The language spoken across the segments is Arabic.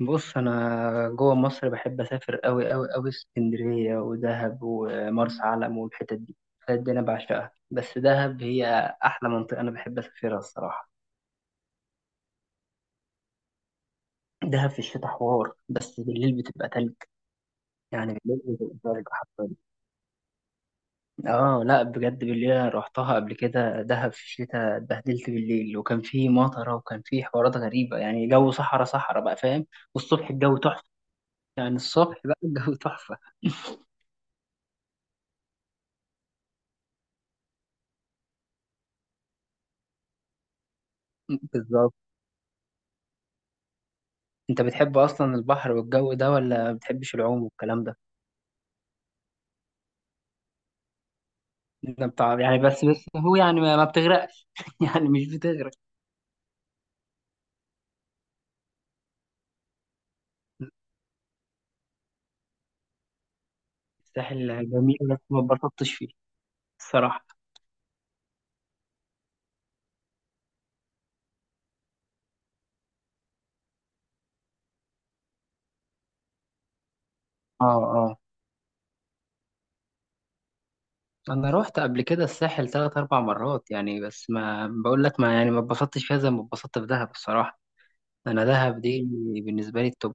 بص، انا جوه مصر بحب اسافر قوي قوي قوي: اسكندريه ودهب ومرسى علم والحتت دي. الحتت دي انا بعشقها، بس دهب هي احلى منطقه انا بحب اسافرها الصراحه. دهب في الشتاء حوار، بس بالليل بتبقى تلج، يعني بالليل بتبقى تلج حرفيا. اه، لا بجد بالليل انا روحتها قبل كده، دهب في الشتاء اتبهدلت بالليل، وكان في مطره وكان في حوارات غريبه، يعني جو صحراء صحراء بقى، فاهم. والصبح الجو تحفه، يعني الصبح بقى الجو تحفه بالظبط. انت بتحب اصلا البحر والجو ده، ولا ما بتحبش العوم والكلام ده؟ انت بتاع يعني، بس هو يعني ما بتغرقش يعني مش بتغرق. الساحل جميل بس ما اتبسطتش فيه الصراحة. اه، اه، انا روحت قبل كده الساحل ثلاث اربع مرات يعني، بس ما بقول لك، ما يعني ما اتبسطتش فيها زي ما اتبسطت في دهب الصراحة. انا دهب دي بالنسبة لي التوب.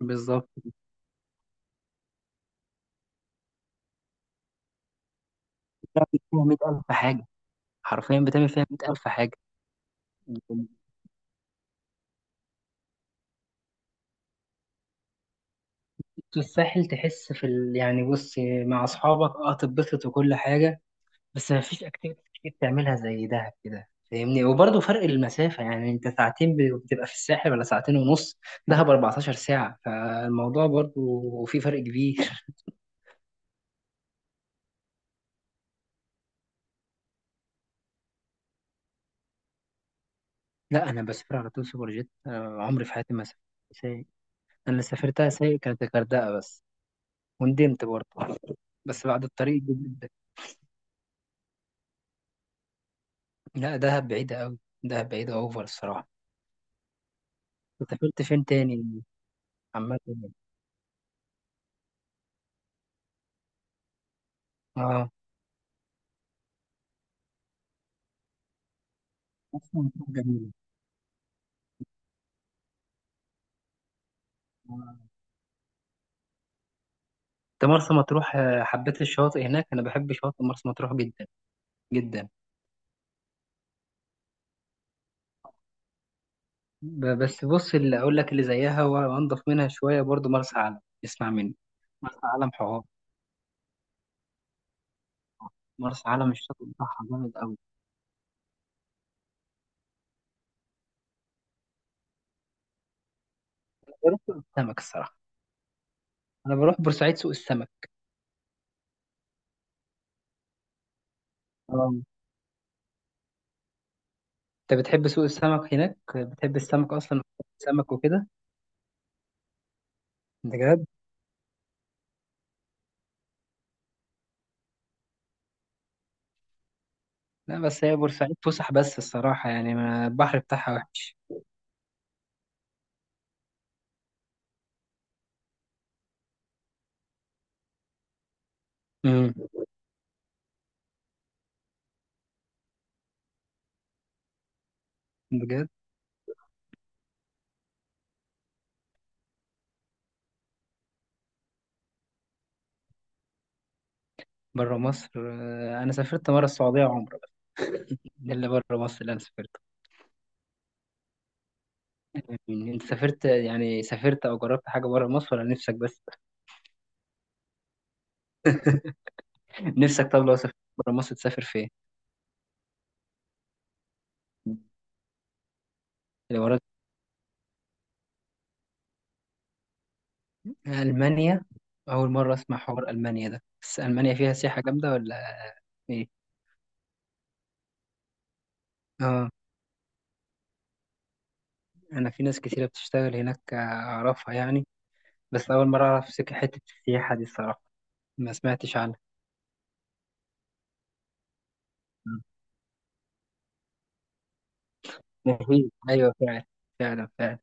بالظبط. بتعمل فيها 100000 حاجة، حرفيا بتعمل فيها 100000 حاجة. الساحل تحس في يعني بص، مع اصحابك اه تتبسط وكل حاجة، بس ما فيش اكتيفيتيز كتير تعملها زي دهب كده فاهمني، وبرضه فرق المسافة، يعني انت ساعتين بتبقى في الساحل، ولا ساعتين ونص. دهب 14 ساعة، فالموضوع برضه في فرق كبير لا انا بسافر على طول سوبر جيت، أنا عمري في حياتي ما سافرت سايق. انا اللي سافرتها سايق كانت الغردقة بس، وندمت برضه بس بعد الطريق دي جدا. لا دهب بعيدة قوي، دهب بعيدة اوفر الصراحة. أنت سافرت فين تاني؟ عامة، اه، أصلا مطروح جميلة. انت مرسى مطروح، آه، حبيت الشواطئ هناك، انا بحب شواطئ مرسى مطروح جدا جدا. بس بص، اللي اقول لك اللي زيها وانضف منها شويه برضو مرسى علم. اسمع مني. مرسى علم حوار. مرسى علم الشاطئ بتاعها جامد قوي. بروح سوق السمك الصراحه. انا بروح بورسعيد سوق السمك. اه. انت بتحب سوق السمك هناك، بتحب السمك اصلا؟ السمك وكده. انت بجد؟ لا بس هي بورسعيد فسح بس الصراحه، يعني ما البحر بتاعها وحش. امم بجد. بره مصر، آه، انا سافرت مره السعوديه عمره، ده اللي بره مصر اللي انا سافرته. يعني انت سافرت، يعني سافرت او جربت حاجه بره مصر، ولا نفسك بس؟ نفسك؟ طب لو سافرت بره مصر تسافر فين؟ الامارات؟ المانيا؟ اول مره اسمع حوار المانيا ده، بس المانيا فيها سياحه جامده ولا ايه؟ اه، انا في ناس كتيره بتشتغل هناك اعرفها يعني، بس اول مره اعرف حته السياحه دي الصراحه، ما سمعتش عنها. مفيد، ايوه فعلا فعلا فعلا.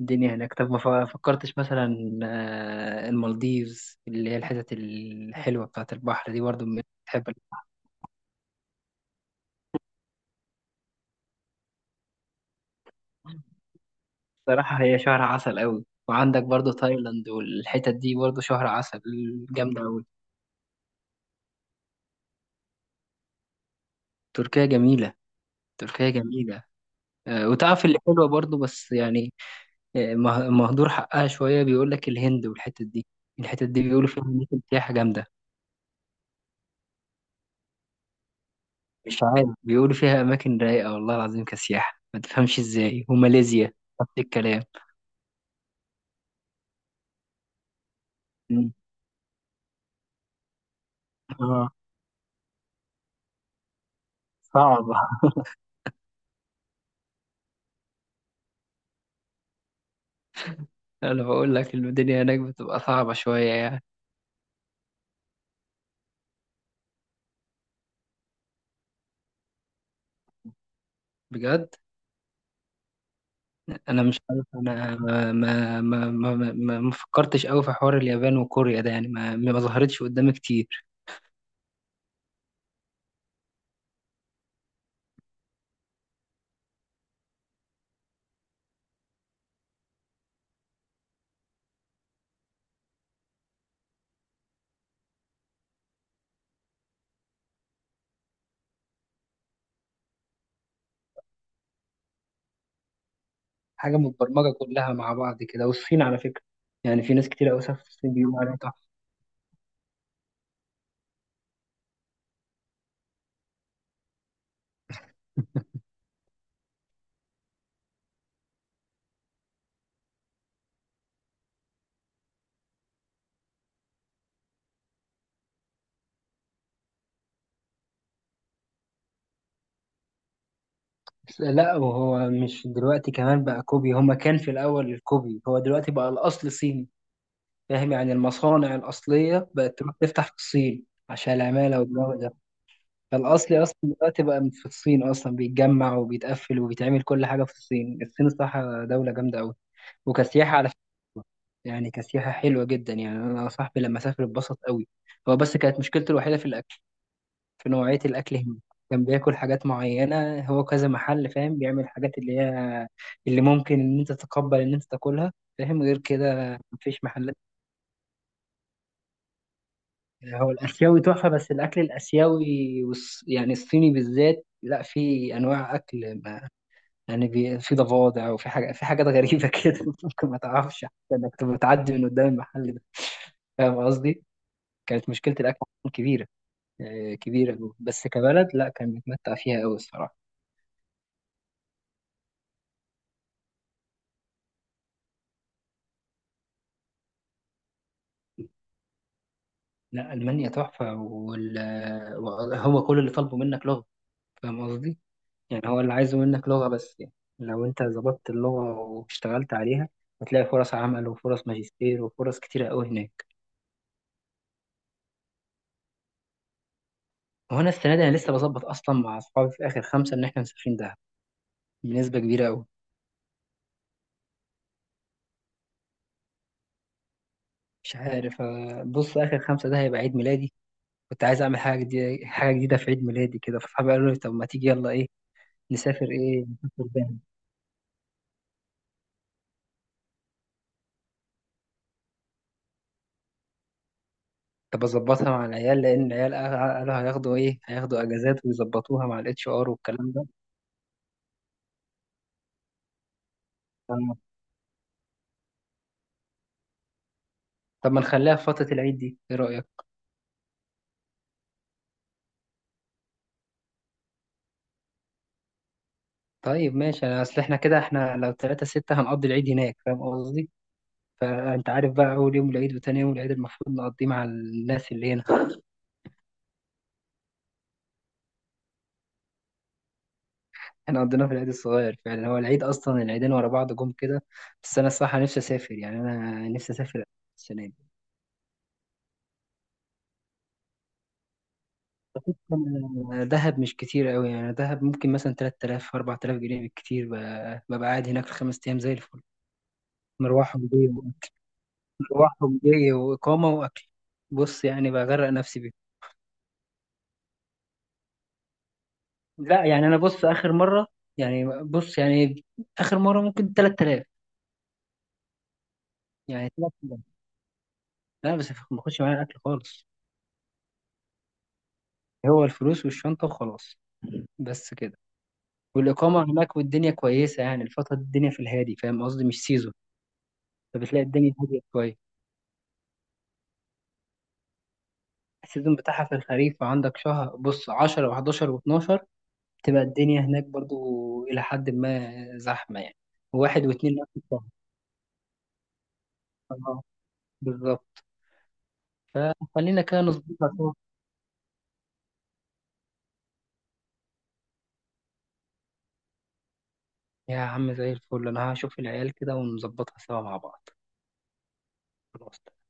الدنيا هناك. طب ما فكرتش مثلا، آه، المالديفز اللي هي الحتت الحلوة بتاعت البحر دي، برضو بتحب؟ بصراحة هي شهر عسل قوي، وعندك برضو تايلاند والحتت دي برضو شهر عسل، جامدة قوي. تركيا جميلة. تركيا جميلة. آه، وتعرف اللي حلوة برضو بس يعني، آه، مهدور حقها شوية، بيقول لك الهند والحتت دي، الحتت دي بيقولوا فيها أماكن سياحة جامدة. مش عارف، بيقولوا فيها أماكن رايقة والله العظيم كسياحة، ما تفهمش إزاي، وماليزيا نفس الكلام. آه، صعبة. انا بقول لك الدنيا هناك بتبقى صعبة شوية يعني. بجد. انا مش عارف، انا ما فكرتش قوي في حوار اليابان وكوريا ده يعني، ما ظهرتش قدامي كتير. حاجة متبرمجة كلها مع بعض كده. والصين على فكرة، يعني في ناس كتير قوي سافرت الصين بيقولوا عليها تحفة. بس لا، وهو مش دلوقتي كمان بقى كوبي، هما كان في الاول الكوبي، هو دلوقتي بقى الاصل صيني. فاهم؟ يعني المصانع الاصلية بقت تروح تفتح في الصين عشان العمالة والجو ده. فالأصلي أصلا دلوقتي بقى في الصين، أصلا بيتجمع وبيتقفل وبيتعمل كل حاجة في الصين. الصين الصراحة دولة جامدة أوي. وكسياحة على فكرة، يعني كسياحة حلوة جدا. يعني أنا صاحبي لما سافر اتبسط أوي. هو بس كانت مشكلته الوحيدة في الأكل، في نوعية الأكل هنا. كان بياكل حاجات معينة، هو كذا محل فاهم بيعمل حاجات اللي هي اللي ممكن إن أنت تتقبل إن أنت تاكلها، فاهم، غير كده مفيش محلات. هو الآسيوي تحفة، بس الأكل الآسيوي يعني الصيني بالذات، لا في أنواع أكل، يعني في ضفادع وفي حاجة، في حاجات غريبة كده ممكن ما تعرفش حتى انك تبقى بتعدي من قدام المحل ده. فاهم قصدي؟ كانت مشكلة الأكل عندهم كبيرة، آه، كبيرة أوي. بس كبلد لا، كان متمتع فيها أوي الصراحة. لا ألمانيا تحفة هو كل اللي طالبه منك لغة. فاهم قصدي؟ يعني هو اللي عايزه منك لغة بس يعني، لو أنت ظبطت اللغة واشتغلت عليها، هتلاقي فرص عمل وفرص ماجستير وفرص كتيرة أوي هناك. وأنا السنة دي أنا لسه بظبط أصلا مع أصحابي في آخر خمسة إن إحنا مسافرين دهب بنسبة كبيرة أوي. مش عارف، آه، بص، آخر خمسة ده هيبقى عيد ميلادي. كنت عايز أعمل حاجة جديدة، حاجة جديدة في عيد ميلادي كده، فصحابي قالوا لي طب ما تيجي يلا إيه. نسافر إيه؟ نسافر دهب؟ طب أظبطها مع العيال، لأن العيال قالوا هياخدوا إيه، هياخدوا أجازات ويظبطوها مع الاتش ار والكلام ده. آه. طب ما نخليها في فترة العيد دي، إيه رأيك؟ طيب ماشي، أنا أصل إحنا كده، إحنا لو تلاتة ستة هنقضي العيد هناك، فاهم قصدي؟ فأنت عارف بقى أول يوم العيد وتاني يوم العيد المفروض نقضيه مع الناس اللي هنا. احنا قضيناه في العيد الصغير فعلا، هو العيد اصلا العيدين ورا بعض جم كده. بس انا الصراحه نفسي اسافر يعني، انا نفسي اسافر السنه دي. أنا دهب مش كتير قوي، يعني دهب ممكن مثلا 3000 4000 جنيه بالكتير، ببقى قاعد هناك في 5 ايام زي الفل. مروحهم جاي، مروحهم جاي واقامه واكل. بص يعني بغرق نفسي بيه. لا يعني انا بص اخر مره، يعني بص يعني اخر مره ممكن 3000. يعني 3000. لا بس ما باخدش معايا الاكل خالص. هو الفلوس والشنطه وخلاص، بس كده. والإقامة هناك والدنيا كويسة يعني الفترة دي الدنيا في الهادي، فاهم قصدي، مش سيزون، فبتلاقي الدنيا هادية شوية. السيزون بتاعها في الخريف، عندك شهر، بص، 10 و11 و12 تبقى الدنيا هناك برضو إلى حد ما زحمة يعني. واحد واتنين نفس الشهر. اه، بالظبط. فخلينا كده نظبطها سوا. يا عم زي الفل، أنا هشوف العيال كده ونظبطها سوا مع بعض. خلاص.